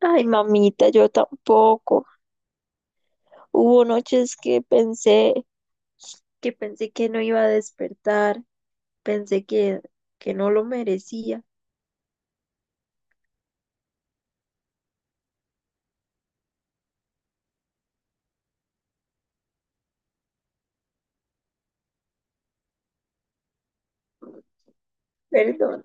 Ay, mamita, yo tampoco. Hubo noches que pensé que no iba a despertar, pensé que, que no lo merecía. Perdón.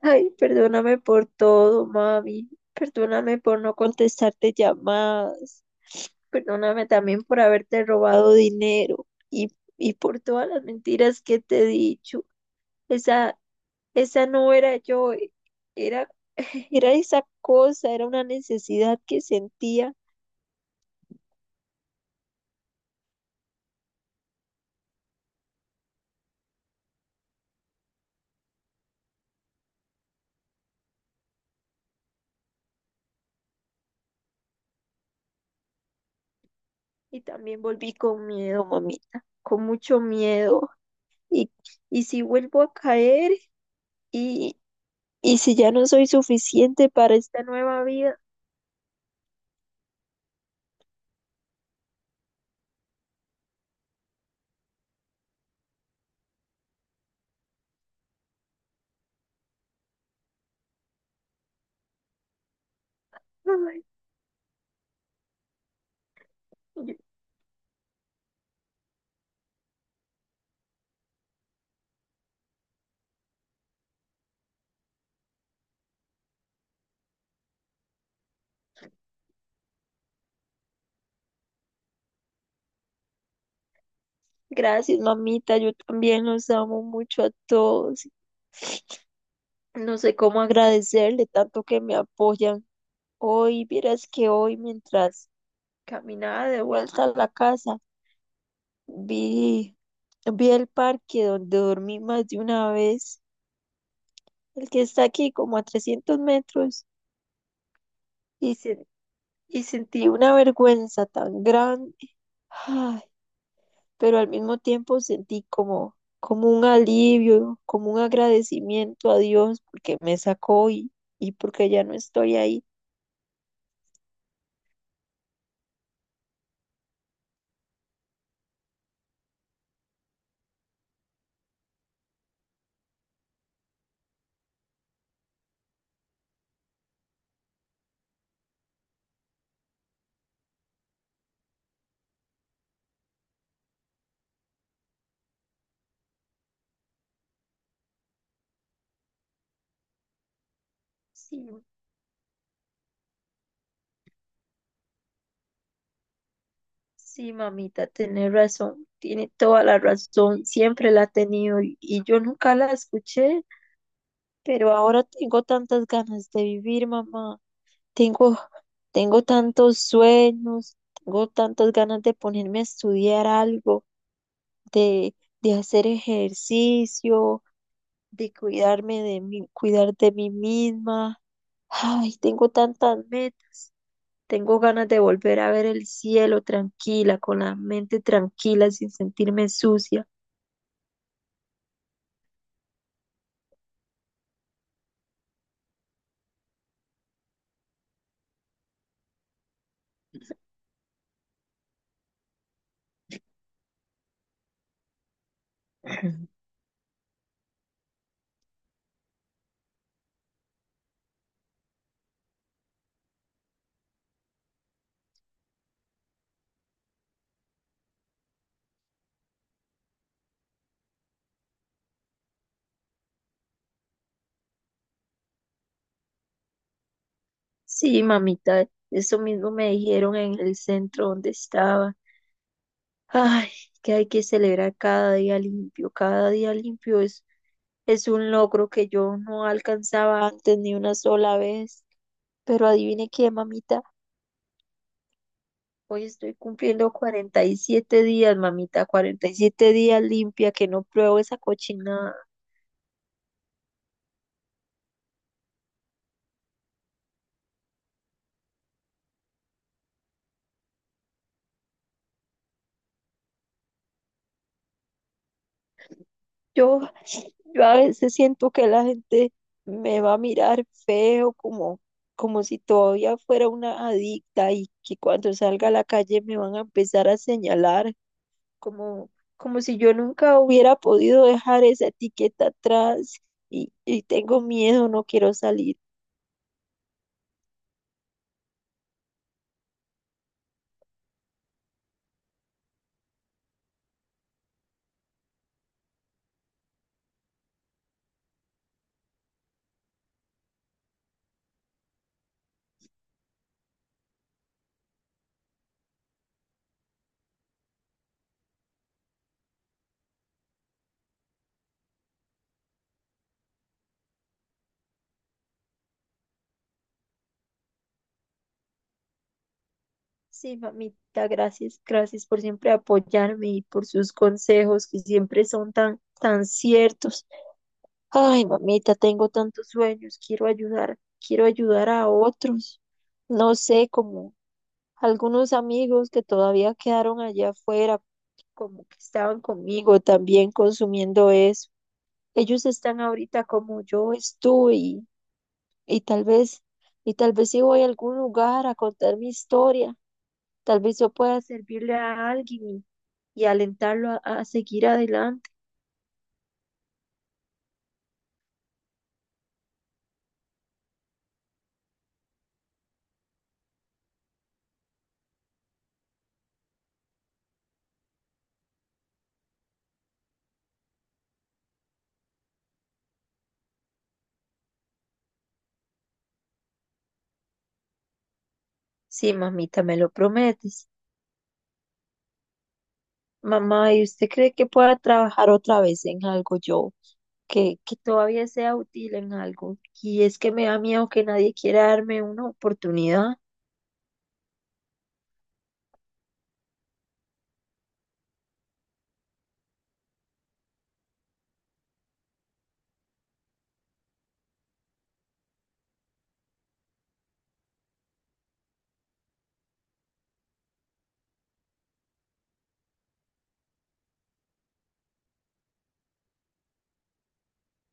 Ay, perdóname por todo, mami. Perdóname por no contestarte llamadas. Perdóname también por haberte robado dinero y por todas las mentiras que te he dicho. Esa, esa no era yo, era, era esa cosa, era una necesidad que sentía. Y también volví con miedo, mamita, con mucho miedo. Y, y si vuelvo a caer y, y si ya no soy suficiente para esta nueva vida. Ay, yo- gracias, mamita, yo también los amo mucho a todos. No sé cómo agradecerle tanto que me apoyan. Hoy, vieras que hoy mientras caminaba de vuelta a la casa, vi, vi el parque donde dormí más de una vez, el que está aquí como a 300 metros. Y, sen- y sentí una vergüenza tan grande, ay, pero al mismo tiempo sentí como un alivio, como un agradecimiento a Dios porque me sacó y porque ya no estoy ahí. Sí, sí, mamita, tenés razón, tiene toda la razón, siempre la ha tenido y yo nunca la escuché, pero ahora tengo tantas ganas de vivir, mamá, tengo, tengo tantos sueños, tengo tantas ganas de ponerme a estudiar algo. de, de hacer ejercicio, de cuidarme de mí, cuidar de mí misma. Ay, tengo tantas metas. Tengo ganas de volver a ver el cielo tranquila, con la mente tranquila, sin sentirme sucia. Sí, mamita, eso mismo me dijeron en el centro donde estaba. Ay, que hay que celebrar cada día limpio. Es un logro que yo no alcanzaba antes ni una sola vez. Pero adivine qué, mamita. Hoy estoy cumpliendo 47 días, mamita, 47 días limpia, que no pruebo esa cochinada. Yo, yo a veces siento que la gente me va a mirar feo, como si todavía fuera una adicta y que cuando salga a la calle me van a empezar a señalar, como, como si yo nunca hubiera podido dejar esa etiqueta atrás y tengo miedo, no quiero salir. Sí, mamita, gracias, gracias por siempre apoyarme y por sus consejos que siempre son tan ciertos. Ay, mamita, tengo tantos sueños, quiero ayudar a otros. No sé, como algunos amigos que todavía quedaron allá afuera, como que estaban conmigo también consumiendo eso. Ellos están ahorita como yo estuve y tal vez, y tal vez si voy a algún lugar a contar mi historia, tal vez yo pueda servirle a alguien y alentarlo a seguir adelante. Sí, mamita, me lo prometes. Mamá, ¿y usted cree que pueda trabajar otra vez en algo yo? Que todavía sea útil en algo. Y es que me da miedo que nadie quiera darme una oportunidad.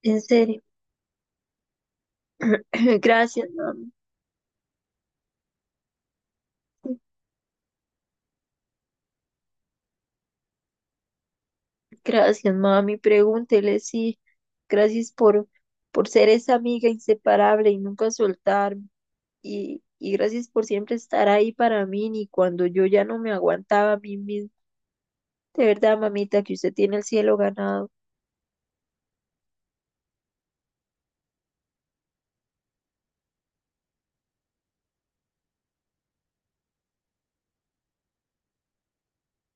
En serio. Gracias, mami. Gracias, mami. Pregúntele, sí. Gracias por, por ser esa amiga inseparable y nunca soltarme. Y gracias por siempre estar ahí para mí, ni cuando yo ya no me aguantaba a mí misma. De verdad, mamita, que usted tiene el cielo ganado.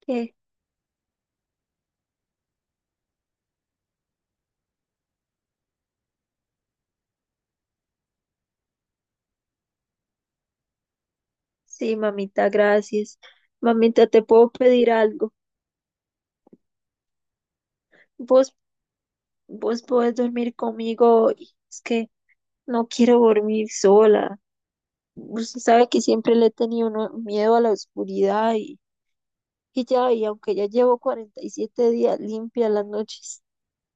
¿Qué? Sí, mamita, gracias. Mamita, te puedo pedir algo. Vos, vos podés dormir conmigo hoy. Es que no quiero dormir sola. Usted sabe que siempre le he tenido miedo a la oscuridad y aunque ya llevo 47 días limpia las noches,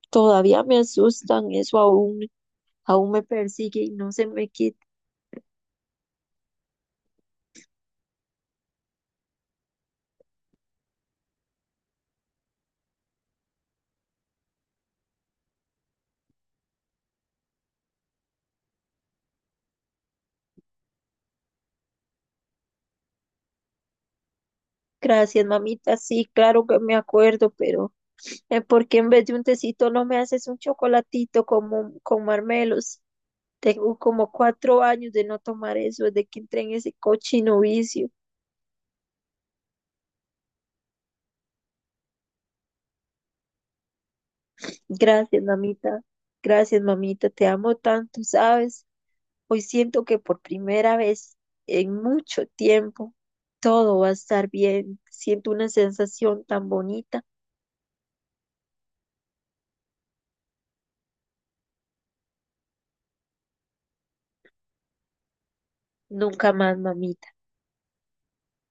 todavía me asustan. Aún me persigue y no se me quita. Gracias, mamita. Sí, claro que me acuerdo, pero... ¿por qué en vez de un tecito no me haces un chocolatito con marmelos? Tengo como 4 años de no tomar eso, desde que entré en ese cochino vicio. Gracias, mamita. Gracias, mamita. Te amo tanto, ¿sabes? Hoy siento que por primera vez en mucho tiempo todo va a estar bien. Siento una sensación tan bonita. Nunca más, mamita.